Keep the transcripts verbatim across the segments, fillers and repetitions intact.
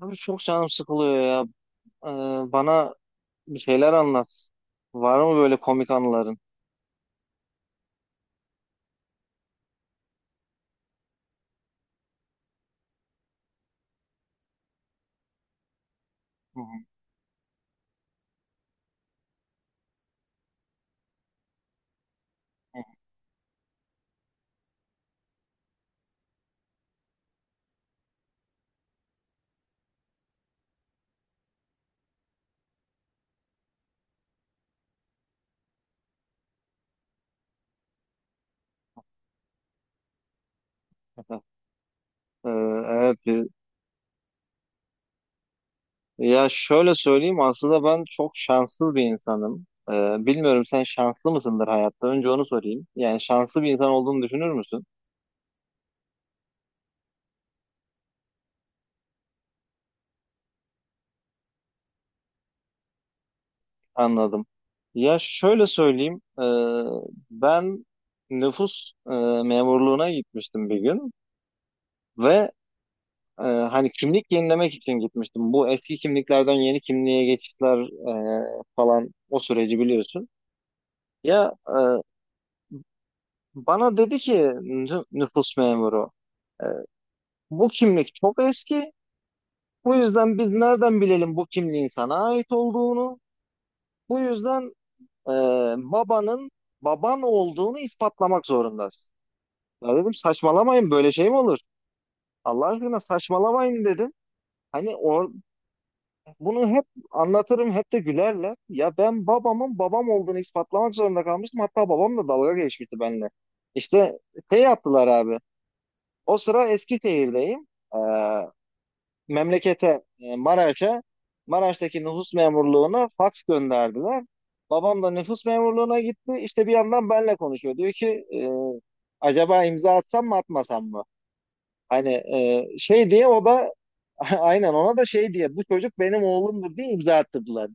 Abi çok canım sıkılıyor ya. Ee, bana bir şeyler anlat. Var mı böyle komik anıların? Hı hı, hı hı. Ee, evet. bir- Ya şöyle söyleyeyim, aslında ben çok şanssız bir insanım. Ee, bilmiyorum, sen şanslı mısındır hayatta? Önce onu sorayım. Yani şanslı bir insan olduğunu düşünür müsün? Anladım. Ya şöyle söyleyeyim. Ee, ben nüfus e, memurluğuna gitmiştim bir gün ve Ee, hani kimlik yenilemek için gitmiştim. Bu eski kimliklerden yeni kimliğe geçişler e, falan, o süreci biliyorsun. Ya e, bana dedi ki nü- nüfus memuru, e, bu kimlik çok eski. Bu yüzden biz nereden bilelim bu kimliğin sana ait olduğunu? Bu yüzden e, babanın baban olduğunu ispatlamak zorundasın. Ya dedim, saçmalamayın, böyle şey mi olur? Allah aşkına saçmalamayın dedim. Hani or bunu hep anlatırım, hep de gülerler. Ya ben babamın babam olduğunu ispatlamak zorunda kalmıştım. Hatta babam da dalga geçmişti benimle. İşte şey yaptılar abi. O sıra Eskişehir'deyim. Ee, memlekete, e, Maraş'a, Maraş'taki nüfus memurluğuna fax gönderdiler. Babam da nüfus memurluğuna gitti. İşte bir yandan benle konuşuyor. Diyor ki e, acaba imza atsam mı atmasam mı? Hani e, şey diye, o da aynen, ona da şey diye bu çocuk benim oğlumdur diye imza attırdılar,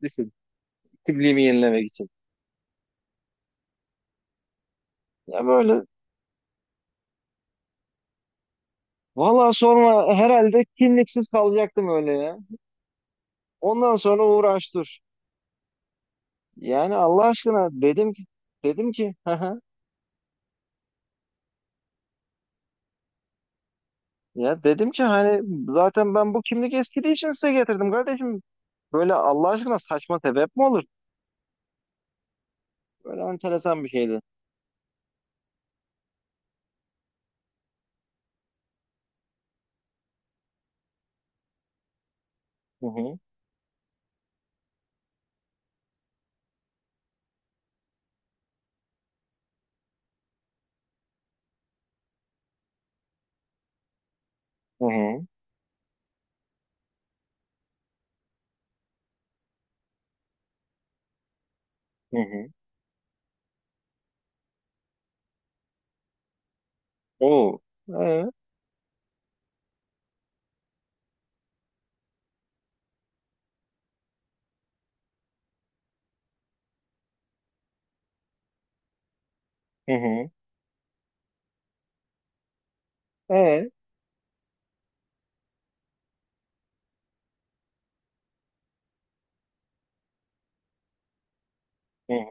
kimliğimi yenilemek için. Ya böyle valla sonra herhalde kimliksiz kalacaktım, öyle ya. Ondan sonra uğraş dur. Yani Allah aşkına dedim ki dedim ki haha. Ya dedim ki hani zaten ben bu kimlik eskidiği için size getirdim kardeşim. Böyle Allah aşkına saçma sebep mi olur? Böyle enteresan bir şeydi. Hı hı. Hı hı. Hı hı. Oo. Ee, hı hı. Ee, hı hı.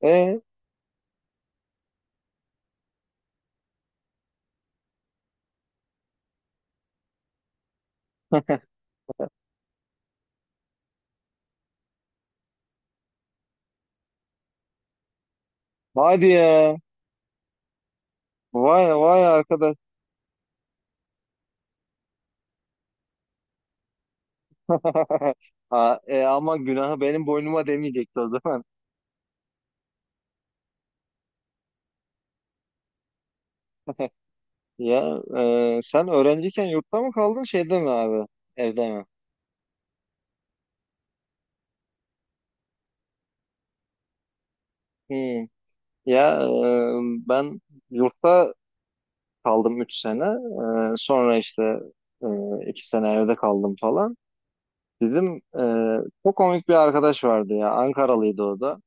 Ee. Hadi ya. Vay vay arkadaş. Ha, e, ama günahı benim boynuma demeyecekti o zaman. Ya e, sen öğrenciyken yurtta mı kaldın şeyde mi abi? Evde mi? Hmm. Ya e, ben yurtta kaldım üç sene. E, sonra işte e, iki sene evde kaldım falan. Bizim e, çok komik bir arkadaş vardı ya. Ankaralıydı o da.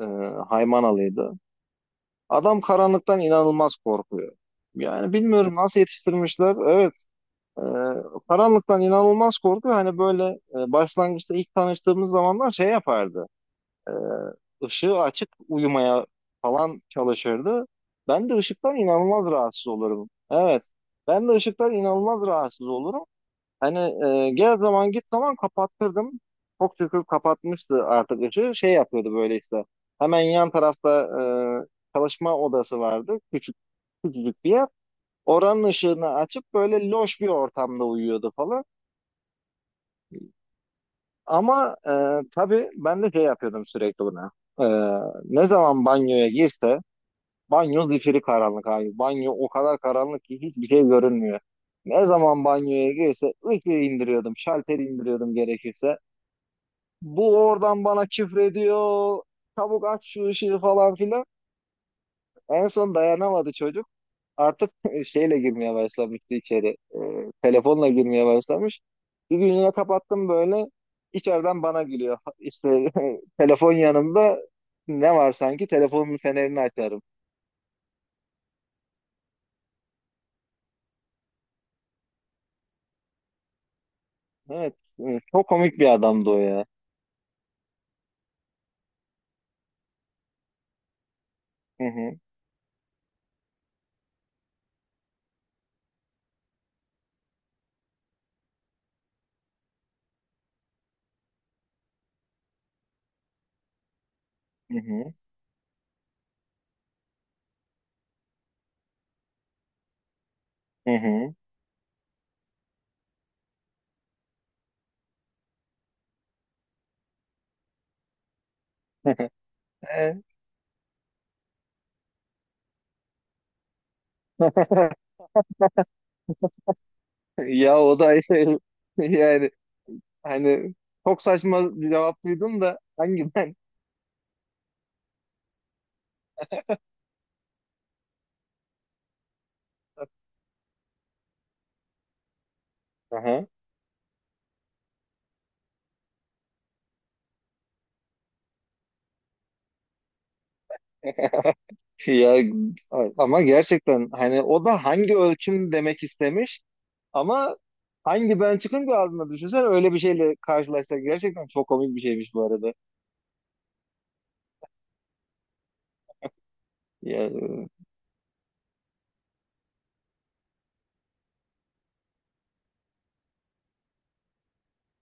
E, Haymanalıydı. Adam karanlıktan inanılmaz korkuyor. Yani bilmiyorum nasıl yetiştirmişler. Evet. Ee, Karanlıktan inanılmaz korkuyor. Hani böyle e, başlangıçta ilk tanıştığımız zamanlar şey yapardı. Ee, ışığı açık uyumaya falan çalışırdı. Ben de ışıktan inanılmaz rahatsız olurum. Evet. Ben de ışıktan inanılmaz rahatsız olurum. Hani e, gel zaman git zaman kapattırdım. Çok şükür kapatmıştı artık ışığı. Şey yapıyordu böyle işte. Hemen yan tarafta e, çalışma odası vardı. Küçük, küçücük bir yer, oranın ışığını açıp böyle loş bir ortamda uyuyordu falan. Ama e, tabii ben de şey yapıyordum sürekli buna. E, Ne zaman banyoya girse, banyo zifiri karanlık abi. Banyo o kadar karanlık ki hiçbir şey görünmüyor. Ne zaman banyoya girse ışığı indiriyordum, şalteri indiriyordum gerekirse. Bu oradan bana küfrediyor, çabuk aç şu ışığı falan filan. En son dayanamadı çocuk. Artık şeyle girmeye başlamıştı içeri. E, telefonla girmeye başlamış. Bir gün yine kapattım böyle. İçeriden bana gülüyor. İşte telefon yanımda, ne var sanki, telefonun fenerini açarım. Evet. e, Çok komik bir adamdı o ya. Hı hı. Hı hı. Hı hı. E, ya o da yani hani çok saçma bir cevap duydum da, hangi ben? Aha. Ya evet, ama gerçekten hani o da hangi ölçüm demek istemiş ama hangi ben çıkın bir ağzına düşünsen, öyle bir şeyle karşılaşsak gerçekten çok komik bir şeymiş bu arada. Ya,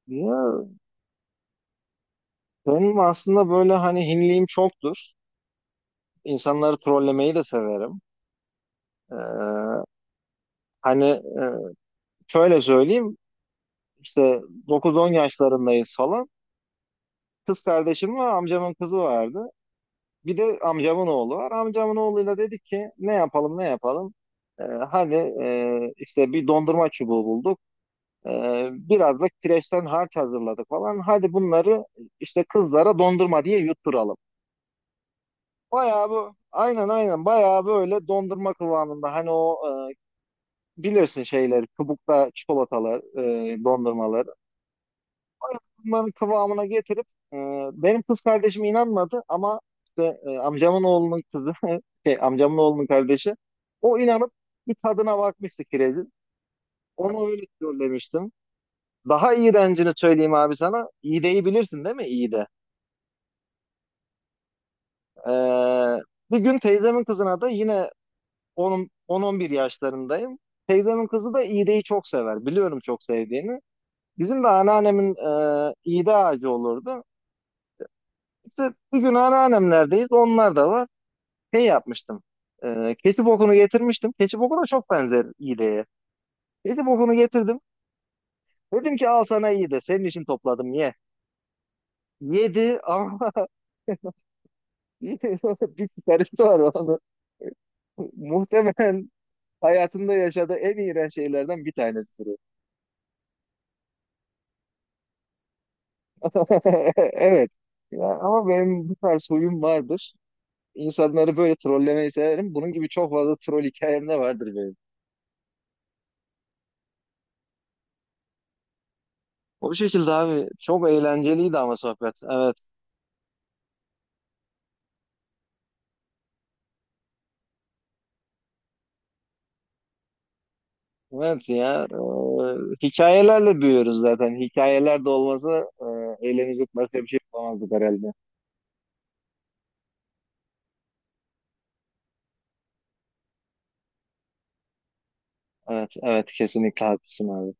ya benim aslında böyle hani hinliğim çoktur. İnsanları trollemeyi de severim. Ee, hani e, şöyle söyleyeyim, işte dokuz on yaşlarındayız falan. Kız kardeşim ve amcamın kızı vardı. Bir de amcamın oğlu var. Amcamın oğluyla dedik ki ne yapalım, ne yapalım. Ee, hadi e, işte bir dondurma çubuğu bulduk. Ee, biraz da kireçten harç hazırladık falan. Hadi bunları işte kızlara dondurma diye yutturalım. Bayağı bu aynen aynen bayağı böyle dondurma kıvamında, hani o e, bilirsin şeyleri, kabukta çikolatalar, e, dondurmaları. Bunların kıvamına getirip e, benim kız kardeşim inanmadı ama işte e, amcamın oğlunun kızı şey amcamın oğlunun kardeşi, o inanıp bir tadına bakmıştı kirezin. Onu öyle söylemiştim. Daha iğrencini söyleyeyim abi sana. İğdeyi bilirsin değil mi? İğde. E, Bir gün teyzemin kızına da yine, onun on on bir yaşlarındayım. Teyzemin kızı da iğdeyi çok sever. Biliyorum çok sevdiğini. Bizim de anneannemin e, iğde ağacı olurdu. İşte bir gün anneannemlerdeyiz. Onlar da var. Şey yapmıştım. E, keçi bokunu getirmiştim. Keçi bokuna çok benzer iğneye. Keçi bokunu getirdim. Dedim ki al sana iyi de senin için topladım, ye. Yedi ama bir çıkarısı var onu. Muhtemelen hayatımda yaşadığı en iğrenç şeylerden bir tanesidir. Evet. Ya, ama benim bu tarz huyum vardır. İnsanları böyle trollemeyi severim. Bunun gibi çok fazla troll hikayem de vardır benim. O şekilde abi. Çok eğlenceliydi ama sohbet. Evet. Evet ya. E, hikayelerle büyüyoruz zaten. Hikayeler de olmasa e, eğlenecek başka bir şey bulamazdık herhalde. Evet, evet kesinlikle haklısın abi.